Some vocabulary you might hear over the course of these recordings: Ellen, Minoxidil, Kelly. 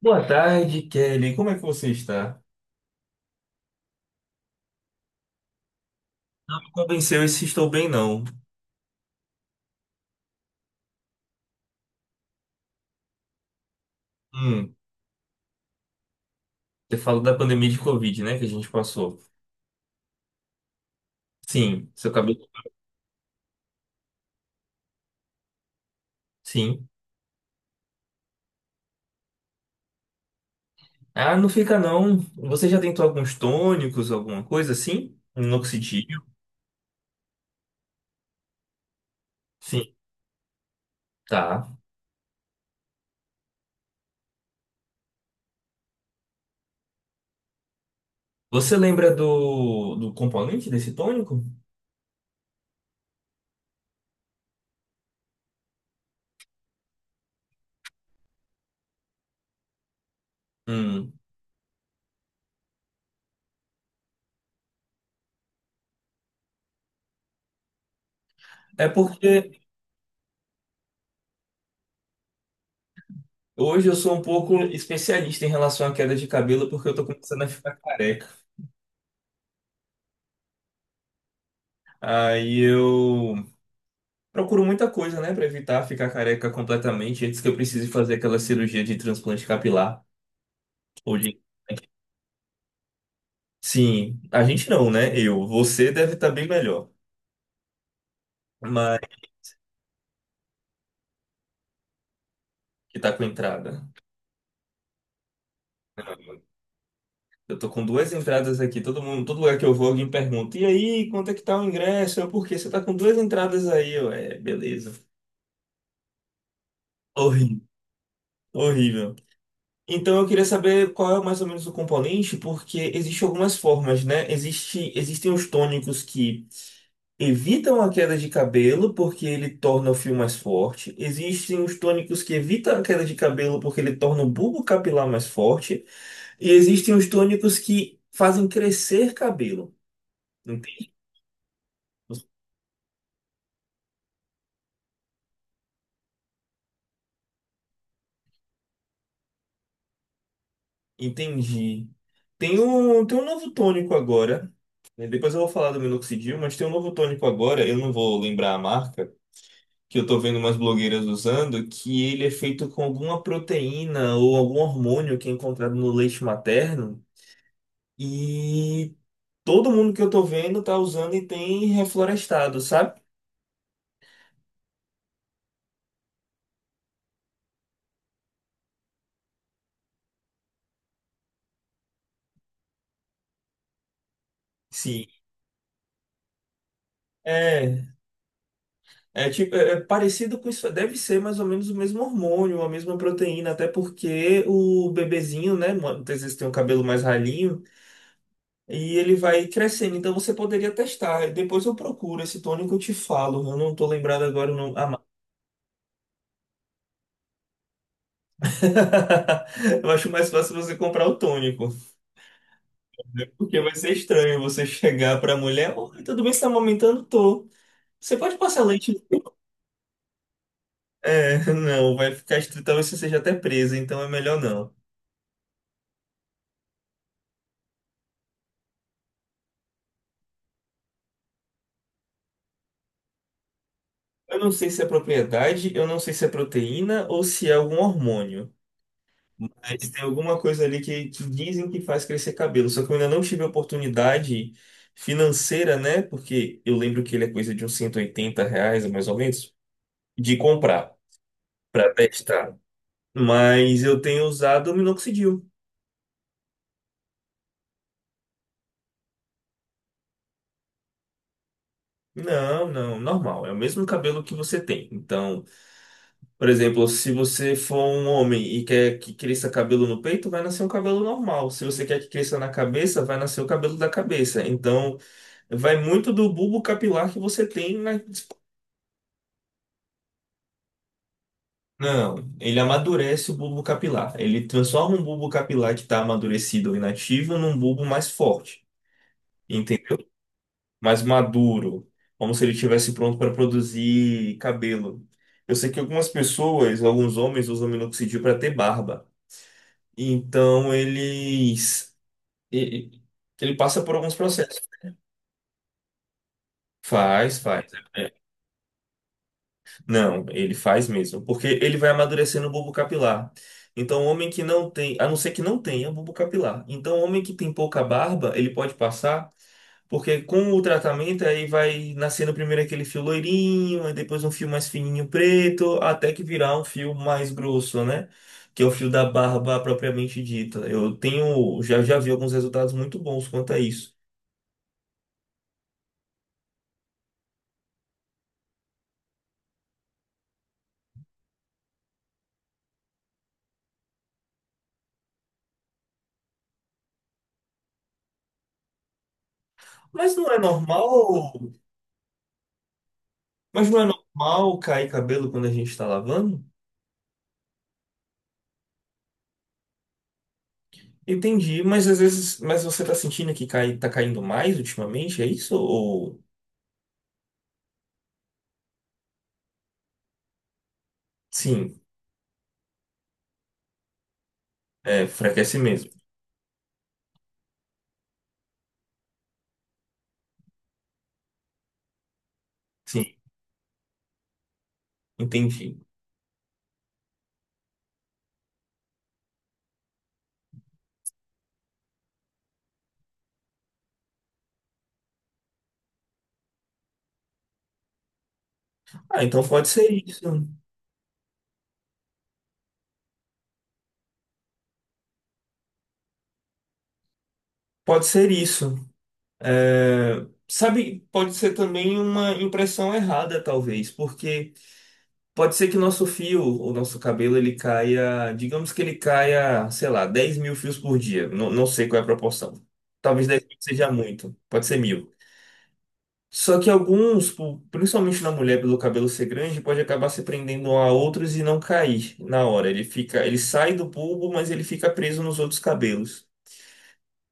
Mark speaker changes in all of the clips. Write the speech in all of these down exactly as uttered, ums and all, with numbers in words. Speaker 1: Boa tarde, Kelly. Como é que você está? Não me convenceu esse estou bem, não. Hum, você falou da pandemia de Covid, né, que a gente passou. Sim, seu cabelo. Sim. Ah, não fica não. Você já tentou alguns tônicos, alguma coisa assim? Minoxidil? Sim, tá. Você lembra do, do componente desse tônico? Hum. É porque hoje eu sou um pouco especialista em relação à queda de cabelo, porque eu tô começando a ficar careca. Aí eu procuro muita coisa, né, pra evitar ficar careca completamente antes que eu precise fazer aquela cirurgia de transplante capilar. Ou de... Sim, a gente não, né? Eu. Você deve estar bem melhor, mas que tá com entrada. Eu tô com duas entradas aqui. Todo mundo, todo lugar que eu vou, alguém pergunta: E aí, quanto é que tá o ingresso? Eu, por quê? Você tá com duas entradas aí? Eu, é, beleza. Horrível, horrível. Então eu queria saber qual é mais ou menos o componente, porque existem algumas formas, né? Existe, existem os tônicos que evitam a queda de cabelo porque ele torna o fio mais forte. Existem os tônicos que evitam a queda de cabelo porque ele torna o bulbo capilar mais forte. E existem os tônicos que fazem crescer cabelo. Ente- Entendi. Tem um, tem um novo tônico agora, né? Depois eu vou falar do minoxidil, mas tem um novo tônico agora. Eu não vou lembrar a marca que eu tô vendo umas blogueiras usando, que ele é feito com alguma proteína ou algum hormônio que é encontrado no leite materno. E todo mundo que eu tô vendo tá usando e tem reflorestado, sabe? Sim. É, é tipo, é é parecido com isso, deve ser mais ou menos o mesmo hormônio, a mesma proteína, até porque o bebezinho, né, muitas vezes tem um cabelo mais ralinho e ele vai crescendo, então você poderia testar. Depois eu procuro esse tônico e eu te falo. Eu não tô lembrado agora o nome, a Eu acho mais fácil você comprar o tônico, porque vai ser estranho você chegar pra mulher: oi, tudo bem, você tá amamentando? Tô. Você pode passar leite? É, não, vai ficar estranho, talvez você seja até presa, então é melhor não. Eu não sei se é propriedade, eu não sei se é proteína ou se é algum hormônio, mas tem alguma coisa ali que, que dizem que faz crescer cabelo, só que eu ainda não tive oportunidade financeira, né? Porque eu lembro que ele é coisa de uns cento e oitenta reais, mais ou menos, de comprar. Pra testar. Mas eu tenho usado minoxidil. Não, não, normal. É o mesmo cabelo que você tem. Então, por exemplo, se você for um homem e quer que cresça cabelo no peito, vai nascer um cabelo normal. Se você quer que cresça na cabeça, vai nascer o cabelo da cabeça. Então, vai muito do bulbo capilar que você tem na... Não, ele amadurece o bulbo capilar. Ele transforma um bulbo capilar que está amadurecido ou inativo num bulbo mais forte. Entendeu? Mais maduro, como se ele estivesse pronto para produzir cabelo. Eu sei que algumas pessoas, alguns homens usam minoxidil para ter barba. Então eles e- e- ele passa por alguns processos. Faz, faz. É. Não, ele faz mesmo, porque ele vai amadurecendo o bulbo capilar. Então, o homem que não tem, a não ser que não tenha bulbo capilar. Então, o homem que tem pouca barba, ele pode passar, porque com o tratamento aí vai nascendo primeiro aquele fio loirinho, aí depois um fio mais fininho preto, até que virar um fio mais grosso, né? Que é o fio da barba propriamente dita. Eu tenho, já, já, vi alguns resultados muito bons quanto a isso. Mas não é normal, mas não é normal cair cabelo quando a gente está lavando? Entendi, mas às vezes, mas você tá sentindo que cai, tá caindo mais ultimamente, é isso? Ou sim, é, enfraquece mesmo. Sim, entendi. Ah, então pode ser isso. Pode ser isso. É, sabe, pode ser também uma impressão errada, talvez, porque pode ser que o nosso fio, o nosso cabelo, ele caia, digamos que ele caia, sei lá, dez mil fios por dia. Não, não sei qual é a proporção. Talvez dez mil seja muito, pode ser mil. Só que alguns, pô, principalmente na mulher, pelo cabelo ser grande, pode acabar se prendendo a outros e não cair na hora. Ele fica, ele sai do bulbo, mas ele fica preso nos outros cabelos.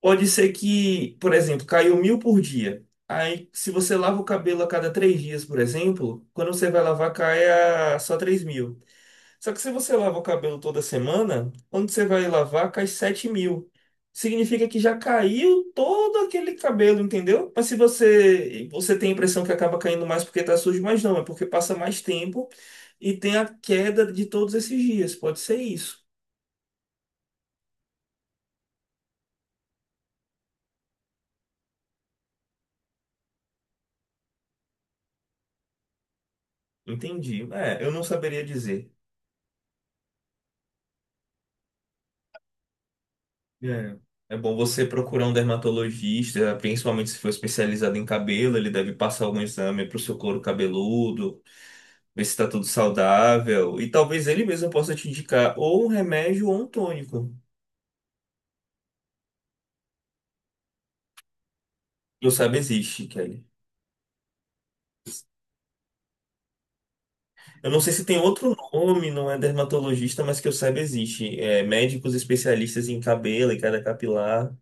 Speaker 1: Pode ser que, por exemplo, caiu mil por dia. Aí, se você lava o cabelo a cada três dias, por exemplo, quando você vai lavar, cai a só três mil. Só que se você lava o cabelo toda semana, quando você vai lavar, cai sete mil. Significa que já caiu todo aquele cabelo, entendeu? Mas se você, você tem a impressão que acaba caindo mais porque tá sujo, mas não, é porque passa mais tempo e tem a queda de todos esses dias. Pode ser isso. Entendi. É, eu não saberia dizer. É. É bom você procurar um dermatologista, principalmente se for especializado em cabelo, ele deve passar algum exame para o seu couro cabeludo, ver se tá tudo saudável. E talvez ele mesmo possa te indicar ou um remédio ou um tônico. Que eu saiba existe, Kelly. Eu não sei se tem outro nome, não é dermatologista, mas que eu saiba existe. É, médicos especialistas em cabelo e queda capilar.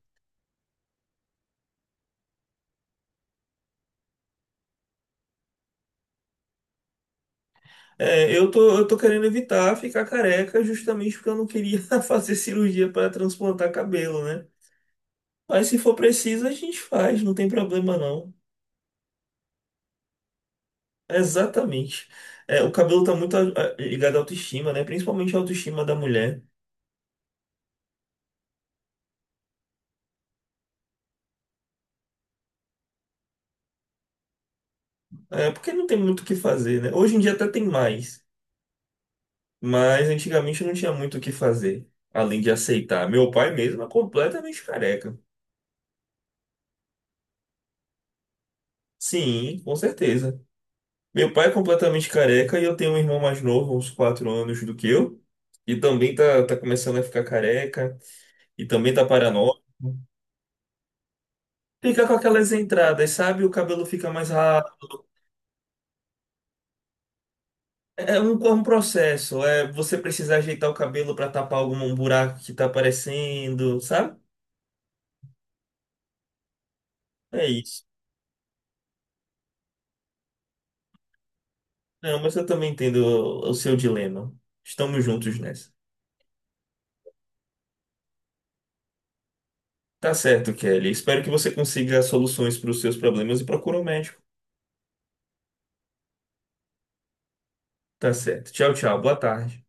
Speaker 1: É, eu tô, eu tô querendo evitar ficar careca justamente porque eu não queria fazer cirurgia para transplantar cabelo, né? Mas se for preciso, a gente faz, não tem problema não. Exatamente. É, o cabelo tá muito ah, ligado à autoestima, né? Principalmente à autoestima da mulher. É, porque não tem muito o que fazer, né? Hoje em dia até tem mais, mas antigamente não tinha muito o que fazer, além de aceitar. Meu pai mesmo é completamente careca. Sim, com certeza. Meu pai é completamente careca e eu tenho um irmão mais novo, uns quatro anos do que eu, e também tá, tá começando a ficar careca, e também tá paranoico. Fica com aquelas entradas, sabe? O cabelo fica mais rápido. É é um, é um processo, é você precisa ajeitar o cabelo para tapar algum buraco que tá aparecendo, sabe? É isso. Não, mas eu também entendo o o seu dilema. Estamos juntos nessa. Tá certo, Kelly. Espero que você consiga soluções para os seus problemas e procure um médico. Tá certo. Tchau, tchau. Boa tarde.